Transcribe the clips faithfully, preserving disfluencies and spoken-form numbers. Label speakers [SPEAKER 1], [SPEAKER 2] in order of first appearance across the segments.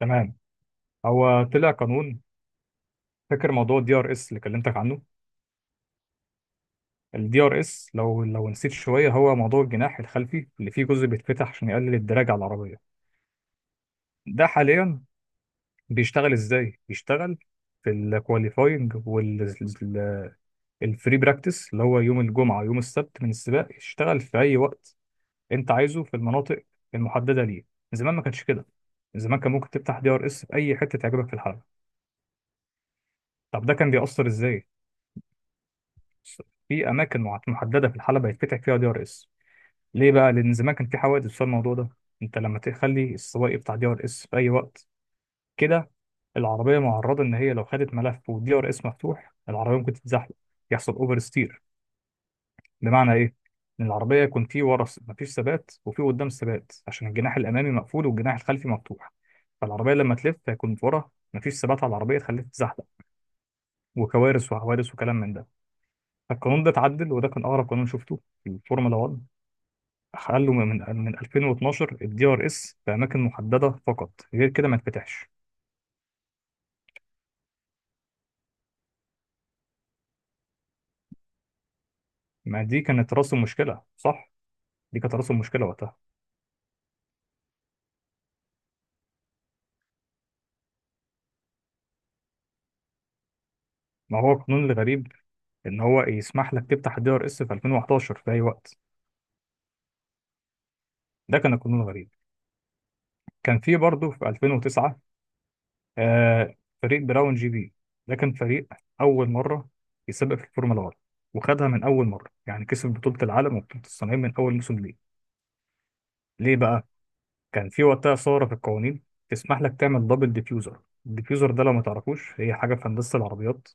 [SPEAKER 1] تمام. هو طلع قانون. فاكر موضوع الدي ار اس اللي كلمتك عنه؟ الدي ار اس، لو لو نسيت شويه، هو موضوع الجناح الخلفي اللي فيه جزء بيتفتح عشان يقلل الدراج على العربيه. ده حاليا بيشتغل ازاي؟ بيشتغل في الكواليفاينج والفري براكتس اللي هو يوم الجمعه ويوم السبت من السباق، يشتغل في اي وقت انت عايزه في المناطق المحدده ليه. زمان ما كانش كده، زمان كان ممكن تفتح دي ار اس في اي حته تعجبك في الحلبه. طب ده كان بيأثر ازاي؟ في اماكن مع- محدده في الحلبه يتفتح فيها دي ار اس. ليه بقى؟ لان زمان كان في حوادث بسبب الموضوع ده. انت لما تخلي السواق بتاع دي ار اس في اي وقت كده، العربيه معرضه ان هي لو خدت ملف والدي ار اس مفتوح العربيه ممكن تتزحلق، يحصل اوفر ستير. بمعنى ايه؟ ان العربيه يكون في ورا س- مفيش ثبات وفي قدام ثبات، عشان الجناح الامامي مقفول والجناح الخلفي مفتوح، فالعربيه لما تلف هيكون ورا مفيش ثبات على العربيه تخليها تتزحلق، وكوارث وحوادث وكلام من ده. فالقانون ده اتعدل، وده كان اغرب قانون شفته في الفورمولا واحد. حلوا من من ألفين واتناشر الدي ار اس في اماكن محدده فقط، غير كده ما يتفتحش. ما دي كانت راس المشكله، صح؟ دي كانت راس المشكله وقتها. ما هو القانون الغريب ان هو يسمح لك تفتح الدي ار اس في ألفين وحداشر في اي وقت، ده كان القانون الغريب. كان في برضه في ألفين وتسعة، آه فريق براون جي بي، ده كان فريق اول مره يسابق في الفورمولا واحد، وخدها من اول مره يعني، كسب بطوله العالم وبطوله الصناعيه من اول موسم ليه. ليه بقى؟ كان في وقتها ثورة في القوانين تسمح لك تعمل دبل ديفيوزر. الديفيوزر ده لو ما تعرفوش هي حاجة في هندسة العربيات،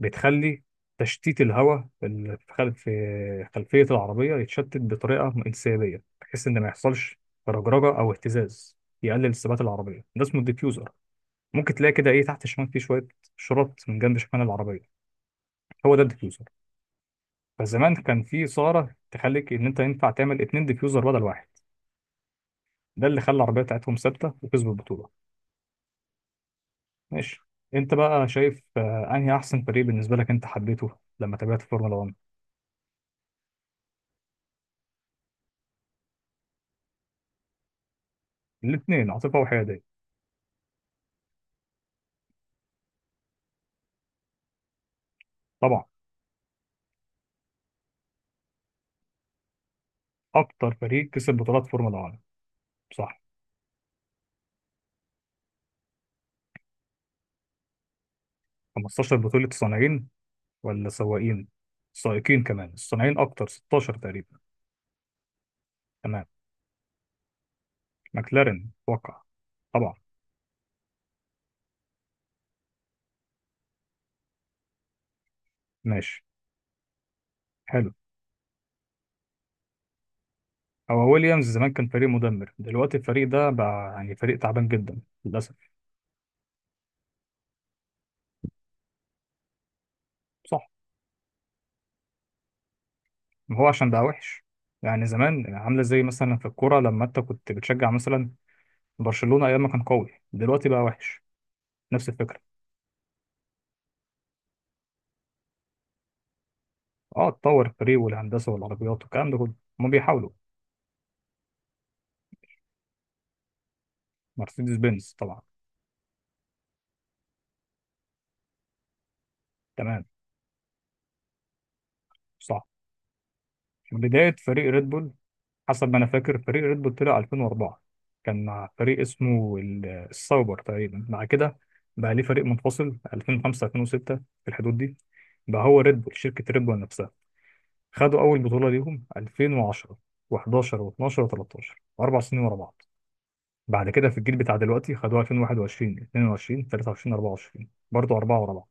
[SPEAKER 1] بتخلي تشتيت الهواء اللي في خلف في خلفية العربية يتشتت بطريقة انسيابية، بحيث إن ما يحصلش رجرجة أو اهتزاز، يقلل ثبات العربية، ده اسمه الديفيوزر. ممكن تلاقي كده إيه تحت الشمال فيه شوية شرط من جنب شمال العربية، هو ده الديفيوزر. فزمان كان في ثورة تخليك إن أنت ينفع تعمل اتنين ديفيوزر بدل واحد، ده اللي خلى العربية بتاعتهم ثابتة وكسبوا البطولة. ماشي، انت بقى شايف آه، انهي احسن فريق بالنسبه لك انت حبيته لما تابعت فورمولا واحد؟ الاثنين، عاطفه وحياديه. طبعا، اكتر فريق كسب بطولات فورمولا واحد. صح. 15 بطوله صانعين ولا سواقين؟ سائقين كمان، الصانعين اكتر، ستاشر تقريبا. تمام. ماكلارين اتوقع، طبعا. ماشي. حلو، هو ويليامز زمان كان فريق مدمر، دلوقتي الفريق ده بقى يعني فريق تعبان جدا للاسف. صح، ما هو عشان بقى وحش يعني، زمان عامله زي مثلا في الكوره لما انت كنت بتشجع مثلا برشلونة أيام ما كان قوي، دلوقتي بقى وحش، نفس الفكرة. اه، اتطور الفريق والهندسة والعربيات والكلام ده كله، هما بيحاولوا. مرسيدس بنز طبعا. تمام، صح. من بداية فريق ريد بول، حسب ما أنا فاكر، فريق ريد بول طلع ألفين وأربعة، كان مع فريق اسمه ال- السايبر تقريبا، بعد كده بقى ليه فريق منفصل ألفين وخمسة ألفين وستة في الحدود دي، بقى هو ريد بول شركة ريد بول نفسها، خدوا أول بطولة ليهم ألفين وعشرة و11 و12 و13، أربع سنين ورا بعض. بعد كده في الجيل بتاع دلوقتي خدوها ألفين وواحد وعشرين اتنين وعشرين تلاتة وعشرين أربعة وعشرين، برضه أربعة ورا بعض.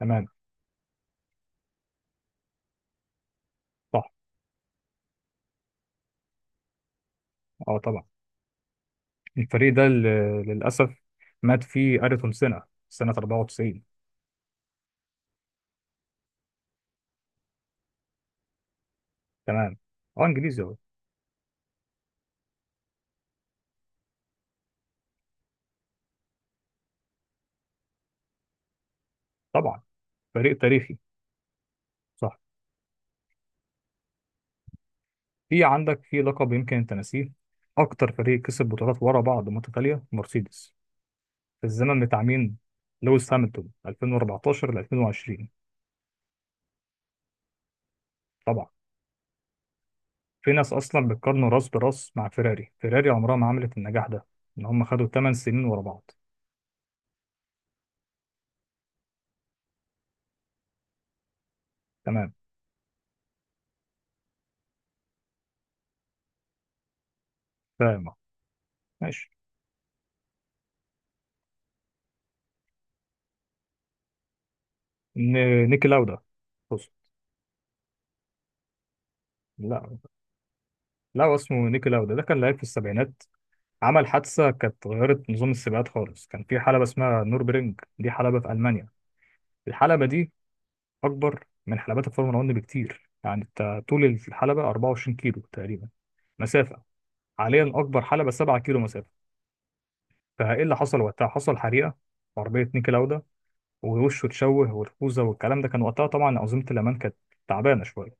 [SPEAKER 1] تمام، صح. أه طبعا، الفريق ده اللي للأسف مات فيه أريتون سنة سنة أربعة وتسعين. تمام. أه إنجليزي أهو. طبعا، فريق تاريخي، صح. في عندك في لقب يمكن أنت ناسيه، أكتر فريق كسب بطولات ورا بعض متتالية مرسيدس، في الزمن بتاع مين؟ لويس هامilton ألفين وأربعة عشر ل ألفين وعشرين، في ناس اصلا بتقارنه راس براس مع فيراري، فيراري عمرها ما عملت النجاح ده، ان هم خدوا 8 سنين ورا بعض. تمام. فاهم. ماشي. ن- نيكي لاودا، بص. لا، لا، اسمه نيكي لاودا، ده كان لعيب في السبعينات، عمل حادثه كانت غيرت نظام السباقات خالص، كان في حلبه اسمها نوربرينج، دي حلبه في المانيا. الحلبه دي اكبر من حلبات الفورمولا واحد بكتير، يعني انت طول الحلبه 24 كيلو تقريبا مسافه، حاليا اكبر حلبه 7 كيلو مسافه. فايه اللي حصل وقتها؟ حصل حريقه في عربيه نيكي لاودا، ووشه اتشوه والخوذه والكلام ده، كان وقتها طبعا انظمه الامان كانت تعبانه شويه،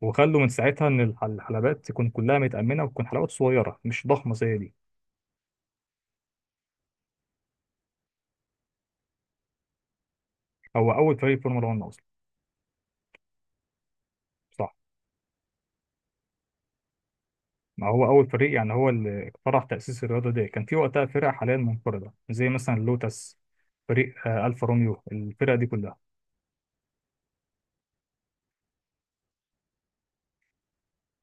[SPEAKER 1] وخلوا من ساعتها ان الح- الحلبات تكون كلها متامنه وتكون حلبات صغيره مش ضخمه زي دي. هو اول فريق فورمولا واحد اصلا. صح، ما هو اول فريق يعني، هو اللي اخترع تاسيس الرياضه دي، كان في وقتها فرق حاليا منقرضه زي مثلا لوتس، فريق آه، الفا روميو، الفرقه دي كلها.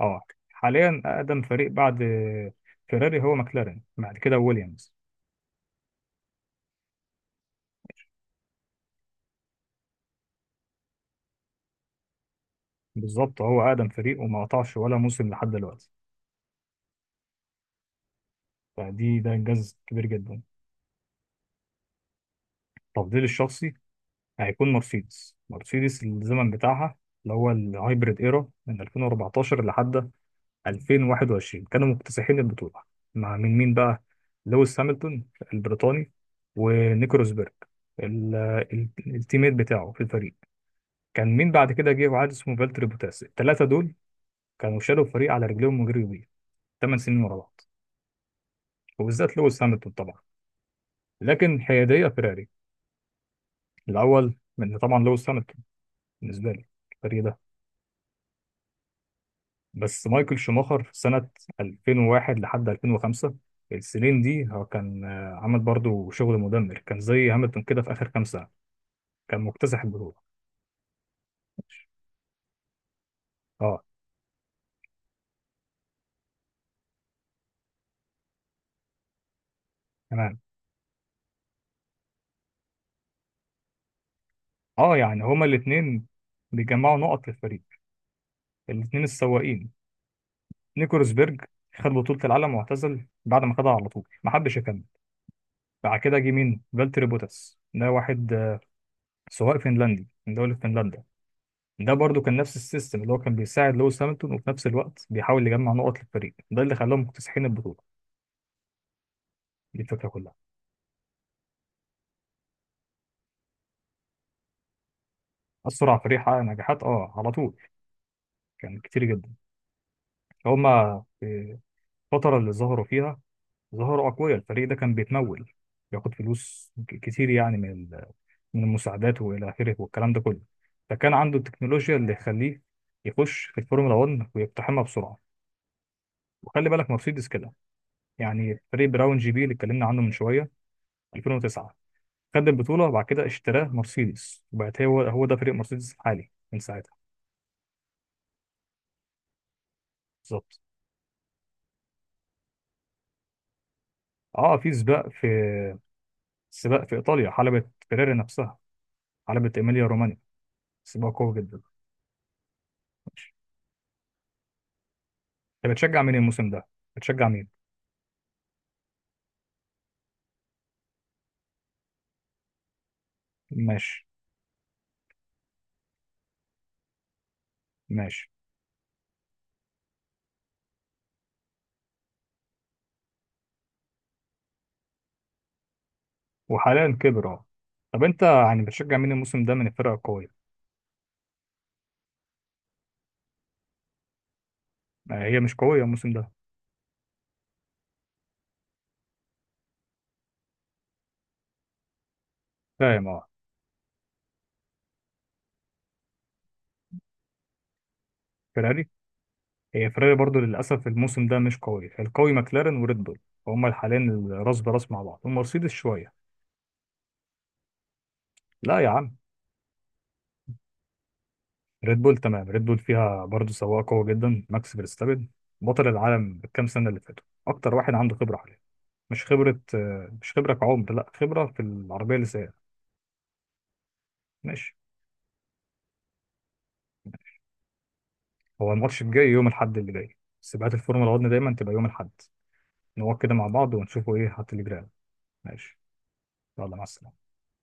[SPEAKER 1] اه، حاليا اقدم فريق بعد آه، فيراري هو ماكلارين، بعد كده ويليامز. بالظبط، هو اقدم فريق وما قطعش ولا موسم لحد دلوقتي، فدي ده انجاز كبير جدا. تفضيلي الشخصي هيكون مرسيدس، مرسيدس الزمن بتاعها اللي هو الهايبريد ايرا من ألفين وأربعتاشر لحد ألفين وواحد وعشرين كانوا مكتسحين البطوله. مع من مين بقى؟ لويس هامilton البريطاني، ونيكو روزبرج. ال- ال- التيميت بتاعه في الفريق كان مين بعد كده؟ جه واحد اسمه فالتري بوتاس، الثلاثه دول كانوا شالوا الفريق على رجليهم وجريوا بيه 8 سنين ورا بعض، وبالذات لويس هامilton طبعا. لكن حياديه فيراري. الاول من طبعا لويس هامilton بالنسبه لي، الفريق ده. بس مايكل شوماخر سنه ألفين وواحد لحد ألفين وخمسة، السنين دي هو كان آه، عمل برضو شغل مدمر، كان زي هاملتون كده في اخر كام سنه، كان مكتسح البطوله. اه تمام. اه يعني هما الاثنين بيجمعوا نقط للفريق، الاثنين السواقين. نيكولاس بيرج خد بطولة العالم واعتزل بعد ما خدها على طول، ما حدش يكمل. بعد كده جه مين؟ فالتري بوتاس، ده واحد آه، سواق فنلندي من دولة فنلندا، ده برضو كان نفس السيستم اللي هو كان بيساعد لويس هامilton وفي نفس الوقت بيحاول يجمع نقط للفريق، ده اللي خلاهم مكتسحين البطوله، دي الفكره كلها. اسرع فريق حقق نجاحات؟ اه، على طول كان كتير جدا، هما في الفتره اللي ظهروا فيها ظهروا اقوياء، الفريق ده كان بيتمول، بياخد فلوس ك- كتير يعني، من ال- من المساعدات والى اخره والكلام ده كله، فكان عنده التكنولوجيا اللي يخليه يخش في الفورمولا واحد ويقتحمها بسرعه. وخلي بالك مرسيدس كده، يعني فريق براون جي بي اللي اتكلمنا عنه من شويه ألفين وتسعة، خد البطولة وبعد كده اشتراه مرسيدس، وبقت هو هو ده فريق مرسيدس الحالي من ساعتها. بالظبط. اه، في سباق في سباق في ايطاليا، حلبة فيراري نفسها، حلبة ايميليا رومانيا، سباق قوي جدا. ماشي، انت بتشجع مين الموسم ده؟ بتشجع مين؟ ماشي. ماشي. وحاليا كبر، اه. طب انت يعني بتشجع مين الموسم ده من الفرق القوية؟ ما هي مش قوية الموسم ده. فاهم، اه. فيراري. هي فيراري برضو للأسف الموسم ده مش قوي، القوي ماكلارين وريد بول، هما حاليا راس براس مع بعض، ومرسيدس شوية. لا يا عم. ريد بول تمام، ريد بول فيها برضه سواق قوي جدا ماكس فيرستابن، بطل العالم بالكام سنة اللي فاتوا، أكتر واحد عنده خبرة حاليا، مش خبرة آه، مش خبرة كعمر، لا خبرة في العربية اللي سايقها. ماشي. هو الماتش الجاي يوم الأحد اللي جاي، سباقات الفورمولا واحد دايما تبقى يوم الأحد. نقعد كده مع بعض ونشوفوا إيه هات اللي جرى. ماشي. يلا مع السلامة.